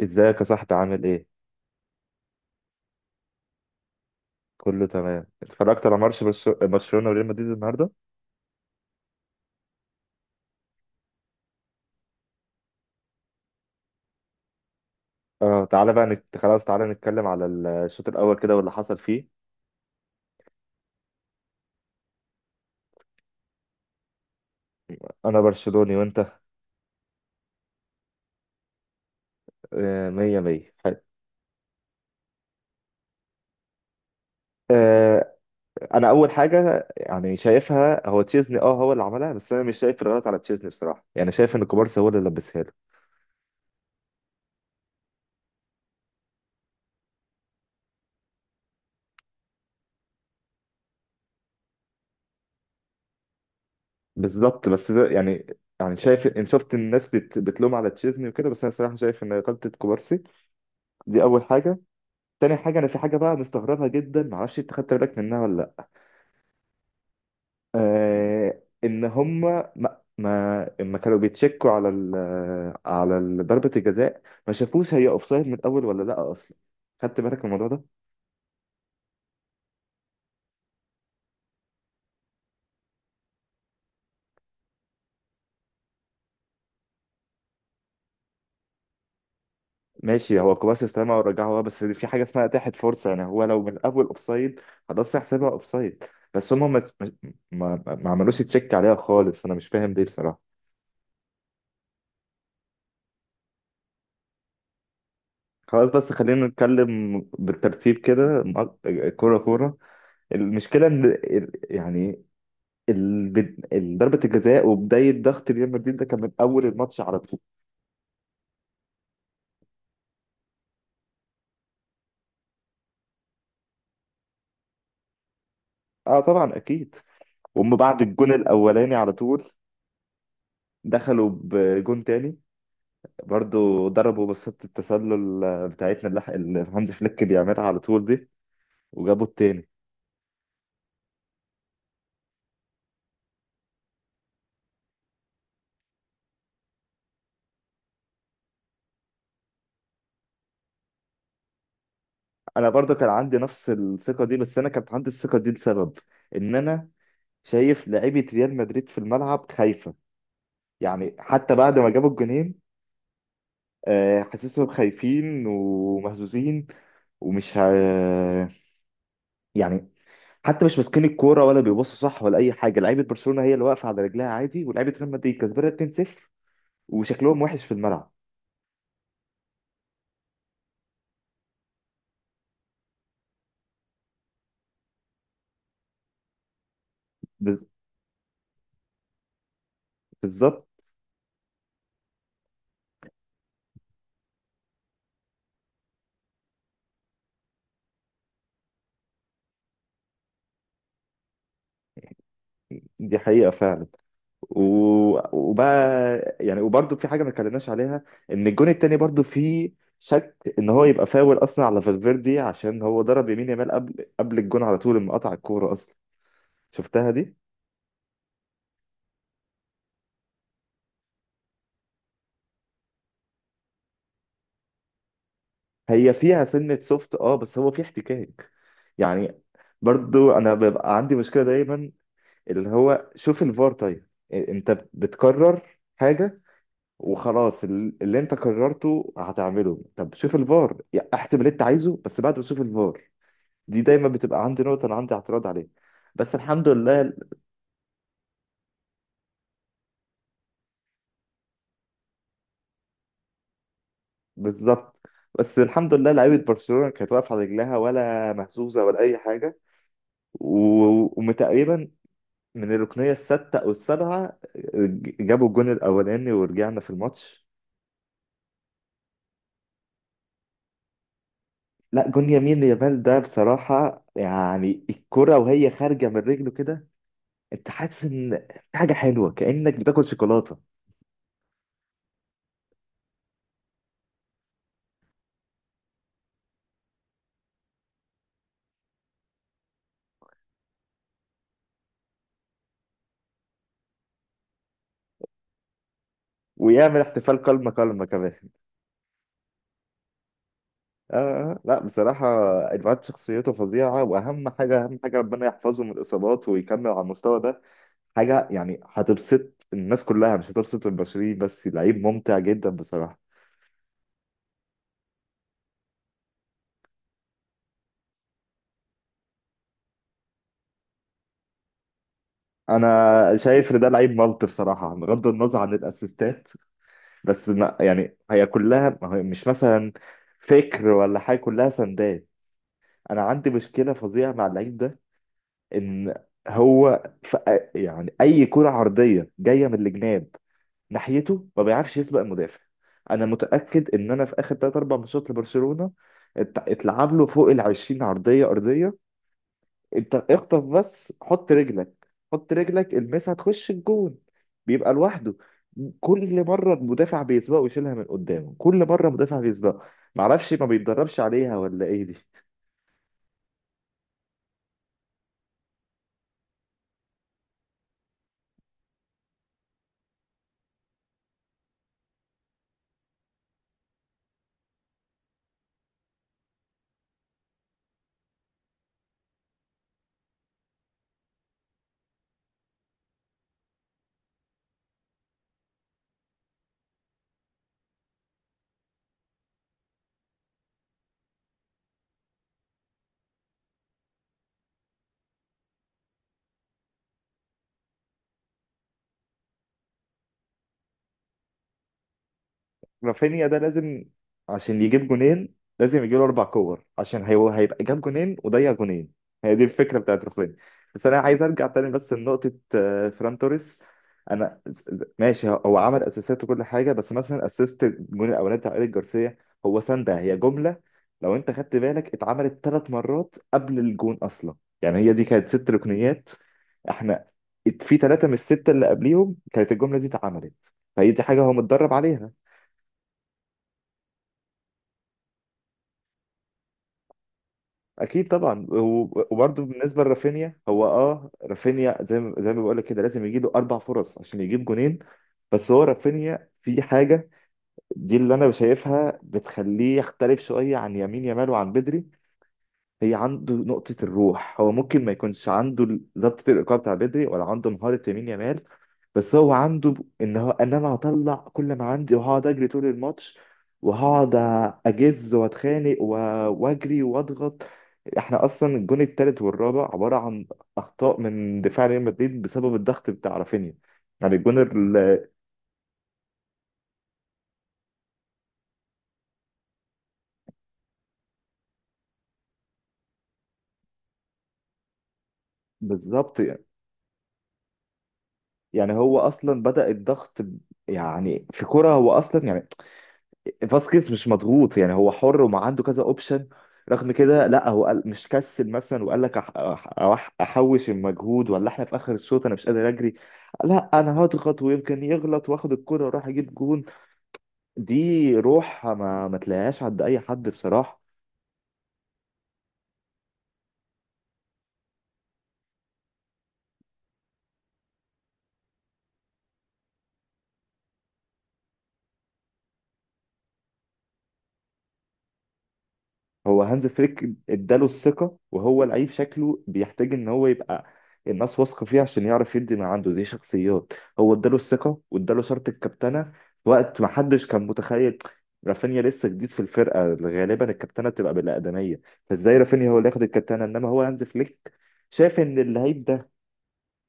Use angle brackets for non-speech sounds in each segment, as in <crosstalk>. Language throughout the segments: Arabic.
ازيك يا صاحبي، عامل ايه؟ كله تمام. اتفرجت على ماتش برشلونة وريال مدريد النهارده؟ اه، تعالى بقى خلاص، تعالى نتكلم على الشوط الاول كده واللي حصل فيه. انا برشلوني، وانت؟ آه، مية مية، حلو. آه. انا اول حاجه يعني شايفها، هو تشيزني، اه هو اللي عملها، بس انا مش شايف الغلط على تشيزني بصراحه. يعني شايف ان كوبارسي هو اللي لبسها له. بالظبط، بس ده يعني، يعني شايف ان شفت الناس بتلوم على تشيزني وكده، بس انا صراحه شايف ان غلطه كوبارسي. دي اول حاجه. تاني حاجة، أنا في حاجة بقى مستغربها جدا، معرفش أنت خدت بالك منها ولا لأ. آه، إن هما ما لما كانوا بيتشكوا على ضربة الجزاء، ما شافوش هي أوفسايد من الأول ولا لأ أصلا؟ خدت بالك من الموضوع ده؟ ماشي، هو كوبارسي استلمها ورجعها، بس في حاجة اسمها أتاحت فرصة. يعني هو لو من الأول أوفسايد، خلاص هيحسبها أوفسايد، بس هما ما ما عملوش تشيك عليها خالص. أنا مش فاهم ليه بصراحة. خلاص، بس خلينا نتكلم بالترتيب كده، كورة كورة. المشكله ان يعني ضربه الجزاء وبدايه ضغط ريال مدريد ده كان من اول الماتش على طول. اه طبعا، اكيد. وهم بعد الجون الاولاني على طول دخلوا بجون تاني، برضو ضربوا بصة التسلل بتاعتنا اللي هانز فليك بيعملها على طول دي، وجابوا التاني. انا برضو كان عندي نفس الثقه دي، بس انا كانت عندي الثقه دي لسبب، ان انا شايف لعيبه ريال مدريد في الملعب خايفه. يعني حتى بعد ما جابوا الجونين، آه، حاسسهم خايفين ومهزوزين. ومش ه... يعني حتى مش ماسكين الكوره ولا بيبصوا صح ولا اي حاجه. لعيبه برشلونه هي اللي واقفه على رجلها عادي، ولعيبه ريال مدريد كسبانه 2-0 وشكلهم وحش في الملعب. بز- بالظبط. دي حقيقه فعلا. و... وبقى يعني، وبرده في حاجه ما اتكلمناش عليها، ان الجون التاني برده فيه شك ان هو يبقى فاول اصلا على فالفيردي، عشان هو ضرب يمين يامال قبل الجون على طول لما قطع الكوره اصلا. شفتها دي؟ هي فيها سنة سوفت، اه بس هو فيه احتكاك. يعني برضو انا ببقى عندي مشكلة دايما، اللي هو شوف الفار، طيب انت بتكرر حاجة وخلاص، اللي انت كررته هتعمله، طب شوف الفار، يعني احسب اللي انت عايزه بس بعد ما تشوف الفار. دي دايما بتبقى عندي نقطة، انا عندي اعتراض عليها، بس الحمد لله. بالظبط. بس الحمد لله لعيبة برشلونة كانت واقفة على رجلها، ولا مهزوزة ولا أي حاجة. وتقريبا من الركنية الستة أو السابعة جابوا الجون الأولاني، ورجعنا في الماتش. لا، جون يمين يامال ده بصراحة، يعني الكرة وهي خارجة من رجله كده، أنت حاسس إن في حاجة حلوة، كأنك بتاكل شوكولاتة. ويعمل احتفال كلمة كلمة كمان. آه. آه، لا بصراحة، الواد شخصيته فظيعة، وأهم حاجة، أهم حاجة، ربنا يحفظه من الإصابات ويكمل على المستوى ده. حاجة يعني هتبسط الناس كلها، مش هتبسط البشريين بس، لعيب ممتع جدا بصراحة. انا شايف ان ده لعيب ملط بصراحه، بغض النظر عن الاسيستات. بس ما يعني، هي كلها، ما هي مش مثلا فكر ولا حاجه، كلها سندات. انا عندي مشكله فظيعه مع اللعيب ده، ان هو ف... يعني اي كره عرضيه جايه من الجناب ناحيته، ما بيعرفش يسبق المدافع. انا متاكد ان انا في اخر 3 4 ماتشات لبرشلونه اتلعب له فوق ال 20 عرضيه ارضيه، انت اخطف بس، حط رجلك، حط رجلك المسها تخش الجون، بيبقى لوحده. كل مره المدافع بيسبقه ويشيلها من قدامه، كل مره مدافع بيسبقه. معرفش ما بيتدربش عليها ولا ايه دي. رافينيا ده لازم، عشان يجيب جونين لازم يجيله اربع كور، عشان هيبقى جاب جونين وضيع جونين. هي دي الفكره بتاعت رافينيا. بس انا عايز ارجع تاني بس لنقطه آه، فران توريس. انا، ماشي هو عمل اسيستات وكل حاجه، بس مثلا اسيست الجون الاولاني بتاع ايريك جارسيا، هو سندها، هي جمله. لو انت خدت بالك، اتعملت ثلاث مرات قبل الجون اصلا. يعني هي دي كانت ست ركنيات، احنا في ثلاثه من السته اللي قبليهم كانت الجمله دي اتعملت. فهي دي حاجه هو متدرب عليها. اكيد طبعا. وبرضه بالنسبه لرافينيا، هو اه، رافينيا زي ما بقول لك كده، لازم يجي له اربع فرص عشان يجيب جونين. بس هو رافينيا في حاجه، دي اللي انا شايفها بتخليه يختلف شويه عن يمين يامال وعن بدري. هي عنده نقطه الروح. هو ممكن ما يكونش عنده ضبط الإيقاع بتاع بدري، ولا عنده مهاره يمين يامال، بس هو عنده ان هو، ان انا هطلع كل ما عندي، وهقعد اجري طول الماتش، وهقعد اجز واتخانق واجري واضغط. احنا اصلا الجون التالت والرابع عباره عن اخطاء من دفاع ريال مدريد بسبب الضغط بتاع رافينيا. يعني بالظبط. يعني هو اصلا بدأ الضغط يعني في كرة هو اصلا يعني، فاسكيز مش مضغوط، يعني هو حر وما عنده كذا اوبشن، رغم كده لا، هو قال مش كسل مثلا وقال لك، أح أح احوش المجهود ولا احنا في اخر الشوط انا مش قادر اجري. لا، انا هضغط ويمكن يغلط، واخد الكرة واروح اجيب جون. دي روح ما تلاقيهاش عند اي حد بصراحة. هو هانز فليك اداله الثقة، وهو لعيب شكله بيحتاج ان هو يبقى الناس واثقة فيه عشان يعرف يدي ما عنده. دي شخصيات. هو اداله الثقة واداله شرط الكابتنة في وقت ما حدش كان متخيل. رافينيا لسه جديد في الفرقة، غالبا الكابتنة بتبقى بالأقدمية، فازاي رافينيا هو اللي ياخد الكابتنة؟ انما هو هانز فليك شاف ان اللعيب ده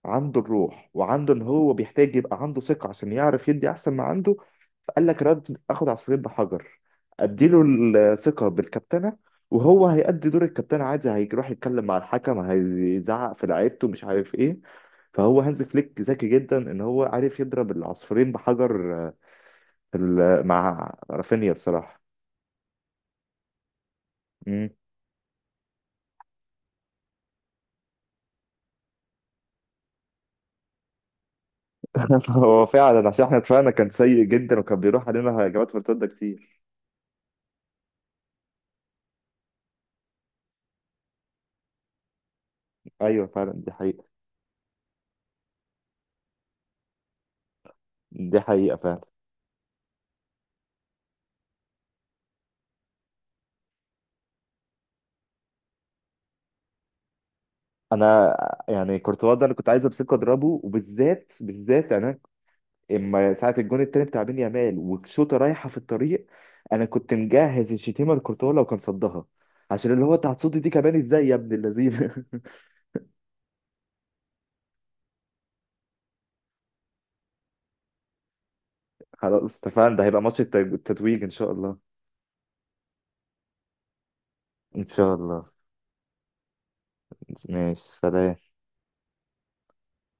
عنده الروح، وعنده ان هو بيحتاج يبقى عنده ثقه عشان يعرف يدي احسن ما عنده. فقال لك رد، اخد عصفورين بحجر، اديله الثقه بالكابتنه، وهو هيأدي دور الكابتنه عادي، هيروح يتكلم مع الحكم، هيزعق في لعيبته، مش عارف ايه. فهو هانز فليك ذكي جدا، ان هو عارف يضرب العصفورين بحجر آه، في مع رافينيا بصراحه. مم. <laughs> هو فعلا، عشان احنا دفاعنا كان سيء جدا، وكان بيروح علينا هجمات مرتده كتير. ايوه فعلا، دي حقيقه. دي حقيقه فعلا. انا، يعني كورتوا ده انا كنت عايز امسكه اضربه، وبالذات بالذات انا اما ساعه الجون التاني بتاع بين يامال والشوطه رايحه في الطريق، انا كنت مجهز الشتيمه لكورتوا لو كان صدها، عشان اللي هو، انت هتصد دي كمان ازاي يا ابن اللذين. <laughs> خلاص اتفقنا، ده هيبقى ماتش التتويج ان شاء الله. ان شاء الله. ماشي، سلام.